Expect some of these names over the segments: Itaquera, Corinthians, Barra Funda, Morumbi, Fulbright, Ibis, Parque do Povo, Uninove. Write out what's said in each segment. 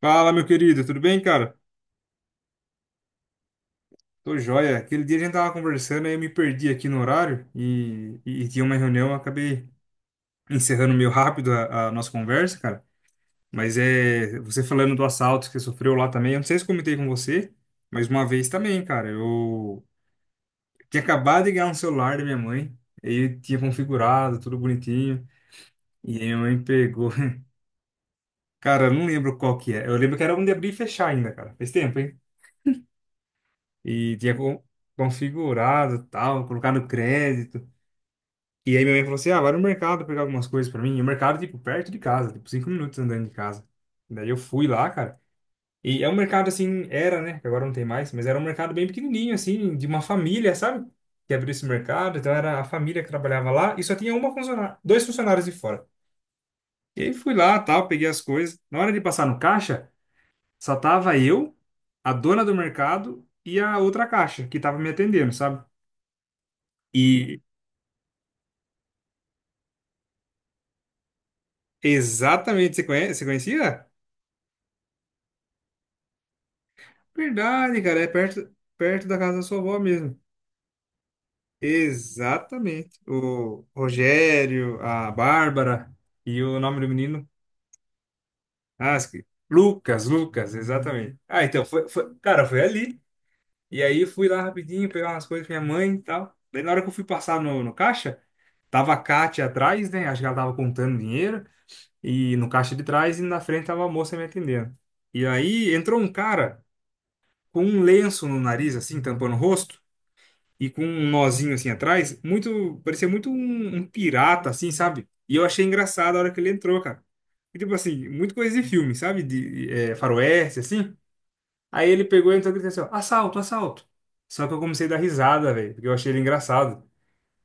Fala, meu querido, tudo bem, cara? Tô joia. Aquele dia a gente tava conversando e eu me perdi aqui no horário e tinha uma reunião, eu acabei encerrando meio rápido a nossa conversa, cara. Mas é, você falando do assalto que você sofreu lá também, eu não sei se eu comentei com você, mas uma vez também, cara, eu tinha acabado de ganhar um celular da minha mãe, aí tinha configurado, tudo bonitinho, e aí minha mãe pegou. Cara, eu não lembro qual que é. Eu lembro que era um de abrir e fechar ainda, cara. Faz tempo, hein? E tinha configurado, tal, colocado crédito. E aí minha mãe falou assim: ah, vai no mercado pegar algumas coisas pra mim. E o mercado, tipo, perto de casa, tipo, 5 minutos andando de casa. Daí eu fui lá, cara. E é um mercado assim, era, né? que agora não tem mais, mas era um mercado bem pequenininho, assim, de uma família, sabe? Que abriu esse mercado. Então era a família que trabalhava lá e só tinha uma funcionária, dois funcionários de fora. E aí fui lá, tal, peguei as coisas. Na hora de passar no caixa, só tava eu, a dona do mercado e a outra caixa que tava me atendendo, sabe? E exatamente, você conhece, você conhecia? Verdade, cara, é perto, perto da casa da sua avó mesmo. Exatamente. O Rogério, a Bárbara e o nome do menino, ah, Lucas, Lucas, exatamente. Ah, então, cara, foi ali. E aí eu fui lá rapidinho pegar umas coisas com minha mãe e tal. Daí na hora que eu fui passar no caixa, tava a Kátia atrás, né? Acho que ela tava contando dinheiro. E no caixa de trás e na frente tava a moça me atendendo. E aí entrou um cara, com um lenço no nariz, assim, tampando o rosto, e com um nozinho assim atrás, muito, parecia muito um pirata, assim, sabe? E eu achei engraçado a hora que ele entrou, cara. E, tipo assim, muito coisa de filme, sabe? De faroeste, assim. Aí ele pegou e entrou e disse assim, ó, assalto, assalto. Só que eu comecei a dar risada, velho, porque eu achei ele engraçado.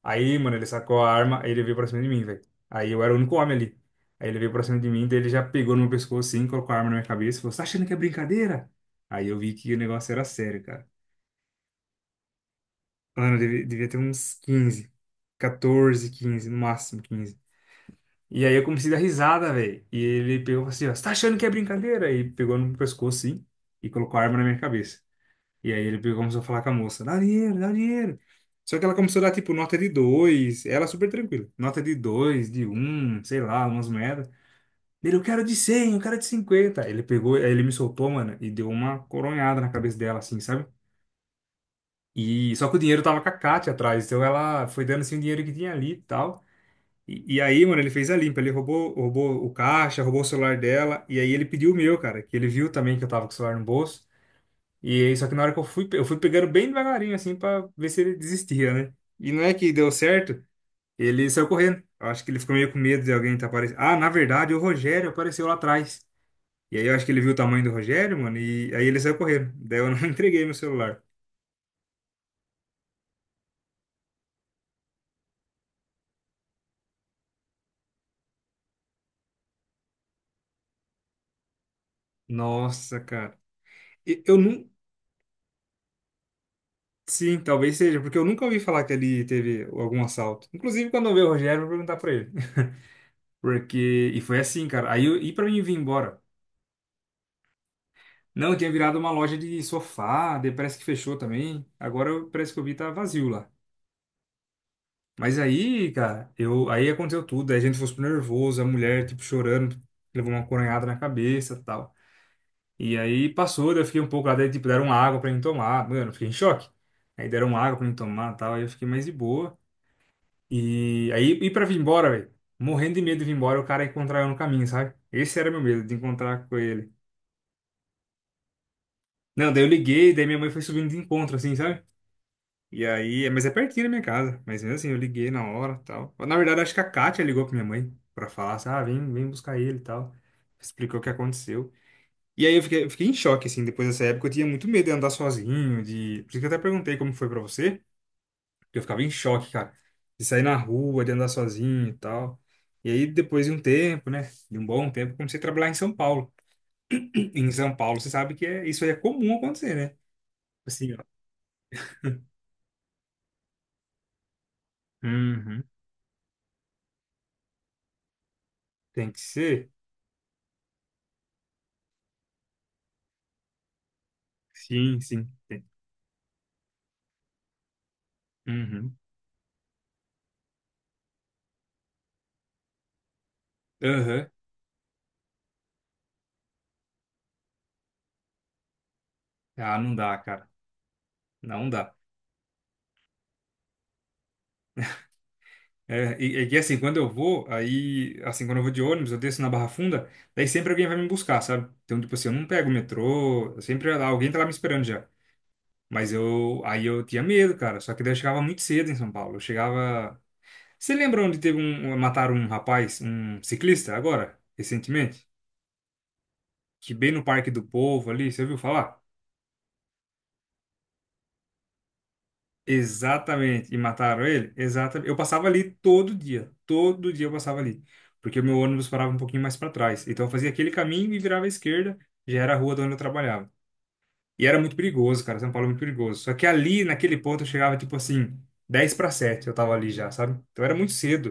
Aí, mano, ele sacou a arma, aí ele veio pra cima de mim, velho. Aí eu era o único homem ali. Aí ele veio pra cima de mim, daí ele já pegou no meu pescoço assim, colocou a arma na minha cabeça e falou, você tá achando que é brincadeira? Aí eu vi que o negócio era sério, cara. Mano, eu devia ter uns 15, 14, 15, no máximo 15. E aí eu comecei a dar risada, velho. E ele pegou e falou assim, ó, você tá achando que é brincadeira? E pegou no meu pescoço, sim, e colocou a arma na minha cabeça. E aí ele pegou e começou a falar com a moça, dá dinheiro, dá dinheiro. Só que ela começou a dar, tipo, nota de dois, ela super tranquila. Nota de dois, de um, sei lá, umas moedas. Ele, eu quero de 100, eu quero de 50. Ele pegou, aí ele me soltou, mano, e deu uma coronhada na cabeça dela, assim, sabe? E só que o dinheiro tava com a Kátia atrás, então ela foi dando assim o dinheiro que tinha ali e tal. E aí, mano, ele fez a limpa, ele roubou o caixa, roubou o celular dela, e aí ele pediu o meu, cara, que ele viu também que eu tava com o celular no bolso. E aí, só que na hora que eu fui pegando bem devagarinho, assim, pra ver se ele desistia, né? E não é que deu certo, ele saiu correndo. Eu acho que ele ficou meio com medo de alguém tá aparecendo. Ah, na verdade, o Rogério apareceu lá atrás. E aí eu acho que ele viu o tamanho do Rogério, mano, e aí ele saiu correndo. Daí eu não entreguei meu celular. Nossa, cara. E- Eu não, Sim, talvez seja, porque eu nunca ouvi falar que ali teve algum assalto. Inclusive, quando eu ver o Rogério, eu vou perguntar pra ele. Porque. E foi assim, cara. Aí eu, e pra mim vir embora. Não, tinha virado uma loja de sofá, daí parece que fechou também. Agora eu- parece que eu vi tá vazio lá. Mas aí, cara, eu, aí aconteceu tudo. Aí a gente foi super nervoso, a mulher, tipo, chorando, levou uma coronhada na cabeça e tal. E aí passou, daí eu fiquei um pouco lá, daí, tipo, deram água pra mim tomar. Mano, eu fiquei em choque. Aí deram água pra mim tomar e tal. Aí eu fiquei mais de boa. E aí, ir pra vir embora, velho. Morrendo de medo de vir embora, o cara encontrar eu no caminho, sabe? Esse era meu medo, de encontrar com ele. Não, daí eu liguei, daí minha mãe foi subindo de encontro, assim, sabe? E aí, mas é pertinho da minha casa. Mas mesmo assim, eu liguei na hora tal. Na verdade, acho que a Kátia ligou pra minha mãe pra falar, assim, ah, vem, vem buscar ele e tal. Explicou o que aconteceu. E aí eu fiquei em choque, assim, depois dessa época eu tinha muito medo de andar sozinho, de... Por isso que eu até perguntei como foi pra você. Eu ficava em choque, cara. De sair na rua, de andar sozinho e tal. E aí, depois de um tempo, né? De um bom tempo, comecei a trabalhar em São Paulo. E em São Paulo, você sabe que é, isso aí é comum acontecer, né? Tipo assim, ó. Uhum. Tem que ser? Sim, sim. Tem. Uhum. Aham. Ah, não dá, cara. Não dá. É, e que assim, quando eu vou, aí, assim, quando eu vou de ônibus, eu desço na Barra Funda, daí sempre alguém vai me buscar, sabe? Então, tipo assim, eu não pego o metrô, sempre alguém tá lá me esperando já. Mas eu, aí eu tinha medo, cara. Só que daí eu chegava muito cedo em São Paulo. Eu chegava. Você lembra onde teve mataram um rapaz, um ciclista, agora, recentemente? Que bem no Parque do Povo ali, você ouviu falar? Exatamente. E mataram ele? Exatamente. Eu passava ali todo dia. Todo dia eu passava ali. Porque o meu ônibus parava um pouquinho mais para trás. Então eu fazia aquele caminho e virava à esquerda. Já era a rua de onde eu trabalhava. E era muito perigoso, cara. São Paulo é muito perigoso. Só que ali, naquele ponto, eu chegava, tipo assim, 6:50 eu tava ali já, sabe? Então era muito cedo.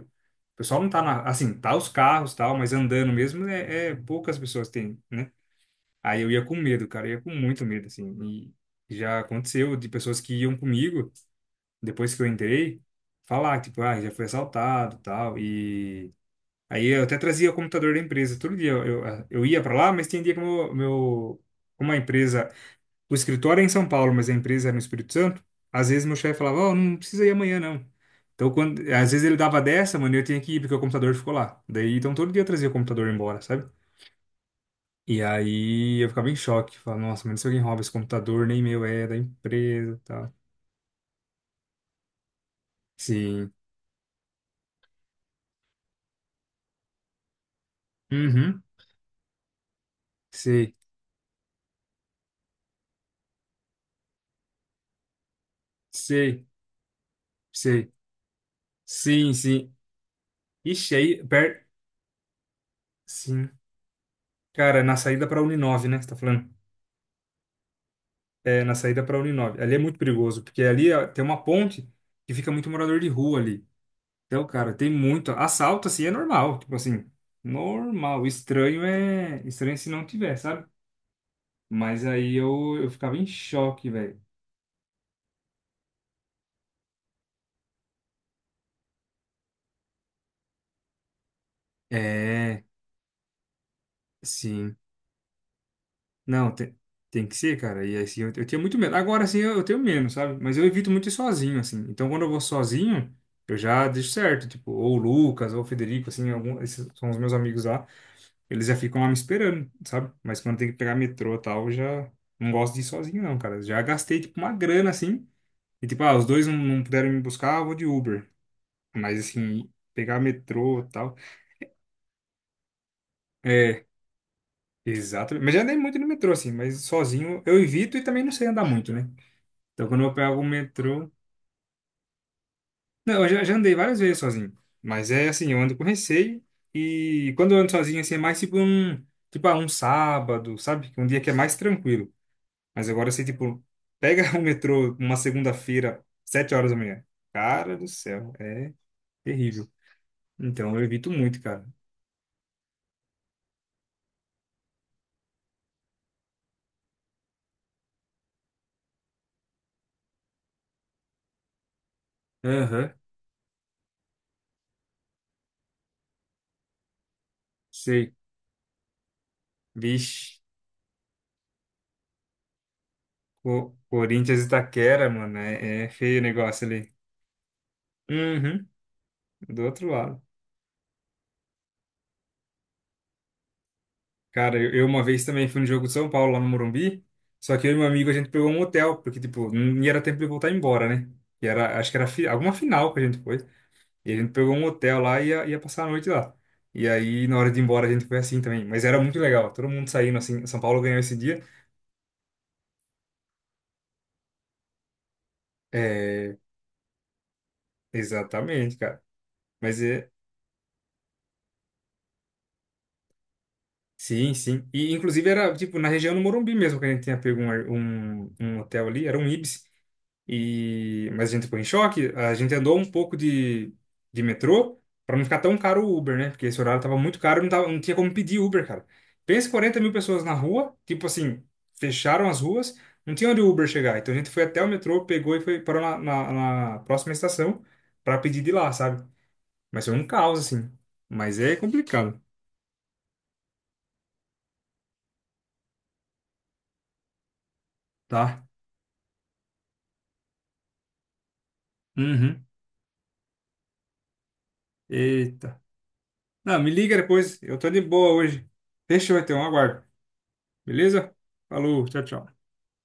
O pessoal não tá na... Assim, tá os carros e tal, mas andando mesmo, é poucas pessoas têm, né? Aí eu ia com medo, cara. Eu ia com muito medo, assim. E já aconteceu de pessoas que iam comigo, depois que eu entrei, falar, tipo, ah, já foi assaltado e tal. E... Aí eu até trazia o computador da empresa. Todo dia eu ia para lá, mas tinha dia que o meu, como a empresa o escritório é em São Paulo, mas a empresa era no Espírito Santo. Às vezes meu chefe falava, ó, não precisa ir amanhã, não. Então, quando, às vezes ele dava dessa, mano, e eu tinha que ir porque o computador ficou lá. Daí, então, todo dia eu trazia o computador embora, sabe? E aí eu ficava em choque. Falava, nossa, mas se alguém rouba esse computador, nem meu é, da empresa e tal. Sim. Uhum. Sei. Sei. Sei. Sim, sim. Ixi, aí, per... Sim. Cara, na saída pra Uninove, né? Você tá falando? É, na saída para a Uninove. Ali é muito perigoso, porque ali ó, tem uma ponte que fica muito morador de rua ali. Então, cara, tem muito. Assalto, assim, é normal. Tipo assim, normal. Estranho é. Estranho se não tiver, sabe? Mas aí eu ficava em choque, velho. É, sim. Não, tem que ser, cara. E assim, eu tinha muito medo. Agora, assim, eu tenho menos, sabe? Mas eu evito muito ir sozinho, assim. Então, quando eu vou sozinho, eu já deixo certo. Tipo, ou o Lucas, ou o Federico, assim, algum, esses são os meus amigos lá. Eles já ficam lá me esperando, sabe? Mas quando tem que pegar metrô e tal, eu já não gosto de ir sozinho, não, cara. Já gastei, tipo, uma grana, assim. E, tipo, ah, os dois não puderam me buscar, eu vou de Uber. Mas, assim, pegar metrô e tal. É, exato. Mas já andei muito no metrô, assim, mas sozinho eu evito e também não sei andar muito, né? Então, quando eu pego o metrô. Não, eu já andei várias vezes sozinho. Mas é assim, eu ando com receio. E quando eu ando sozinho, assim, é mais tipo um. Tipo, ah, um sábado, sabe? Um dia que é mais tranquilo. Mas agora você, tipo, pega o metrô uma segunda-feira, 7 horas da manhã. Cara do céu, é terrível. Então eu evito muito, cara. Aham, sei. Vixe, Corinthians e Itaquera, mano, é feio o negócio ali. Uhum, do outro lado. Cara, eu uma vez também fui no jogo de São Paulo, lá no Morumbi. Só que eu e meu amigo, a gente pegou um hotel, porque, tipo, não ia era tempo de voltar embora, né? E era, acho que era alguma final que a gente foi. E a gente pegou um hotel lá e ia passar a noite lá. E aí, na hora de ir embora, a gente foi assim também. Mas era muito legal, todo mundo saindo assim. São Paulo ganhou esse dia. É, exatamente, cara. Mas é. Sim, sim. E inclusive era tipo na região do Morumbi mesmo que a gente tinha pego um hotel ali, era um Ibis. E mas a gente ficou em choque, a gente andou um pouco de, metrô para não ficar tão caro o Uber, né? Porque esse horário tava muito caro, não tava, não tinha como pedir Uber, cara. Pensa 40 mil pessoas na rua, tipo assim, fecharam as ruas, não tinha onde o Uber chegar. Então a gente foi até o metrô, pegou e foi parou na, próxima estação para pedir de lá, sabe? Mas foi um caos assim. Mas é complicado, tá? Uhum. Eita. Não, me liga depois. Eu tô de boa hoje. Deixa eu ter um aguardo. Beleza? Falou, tchau, tchau.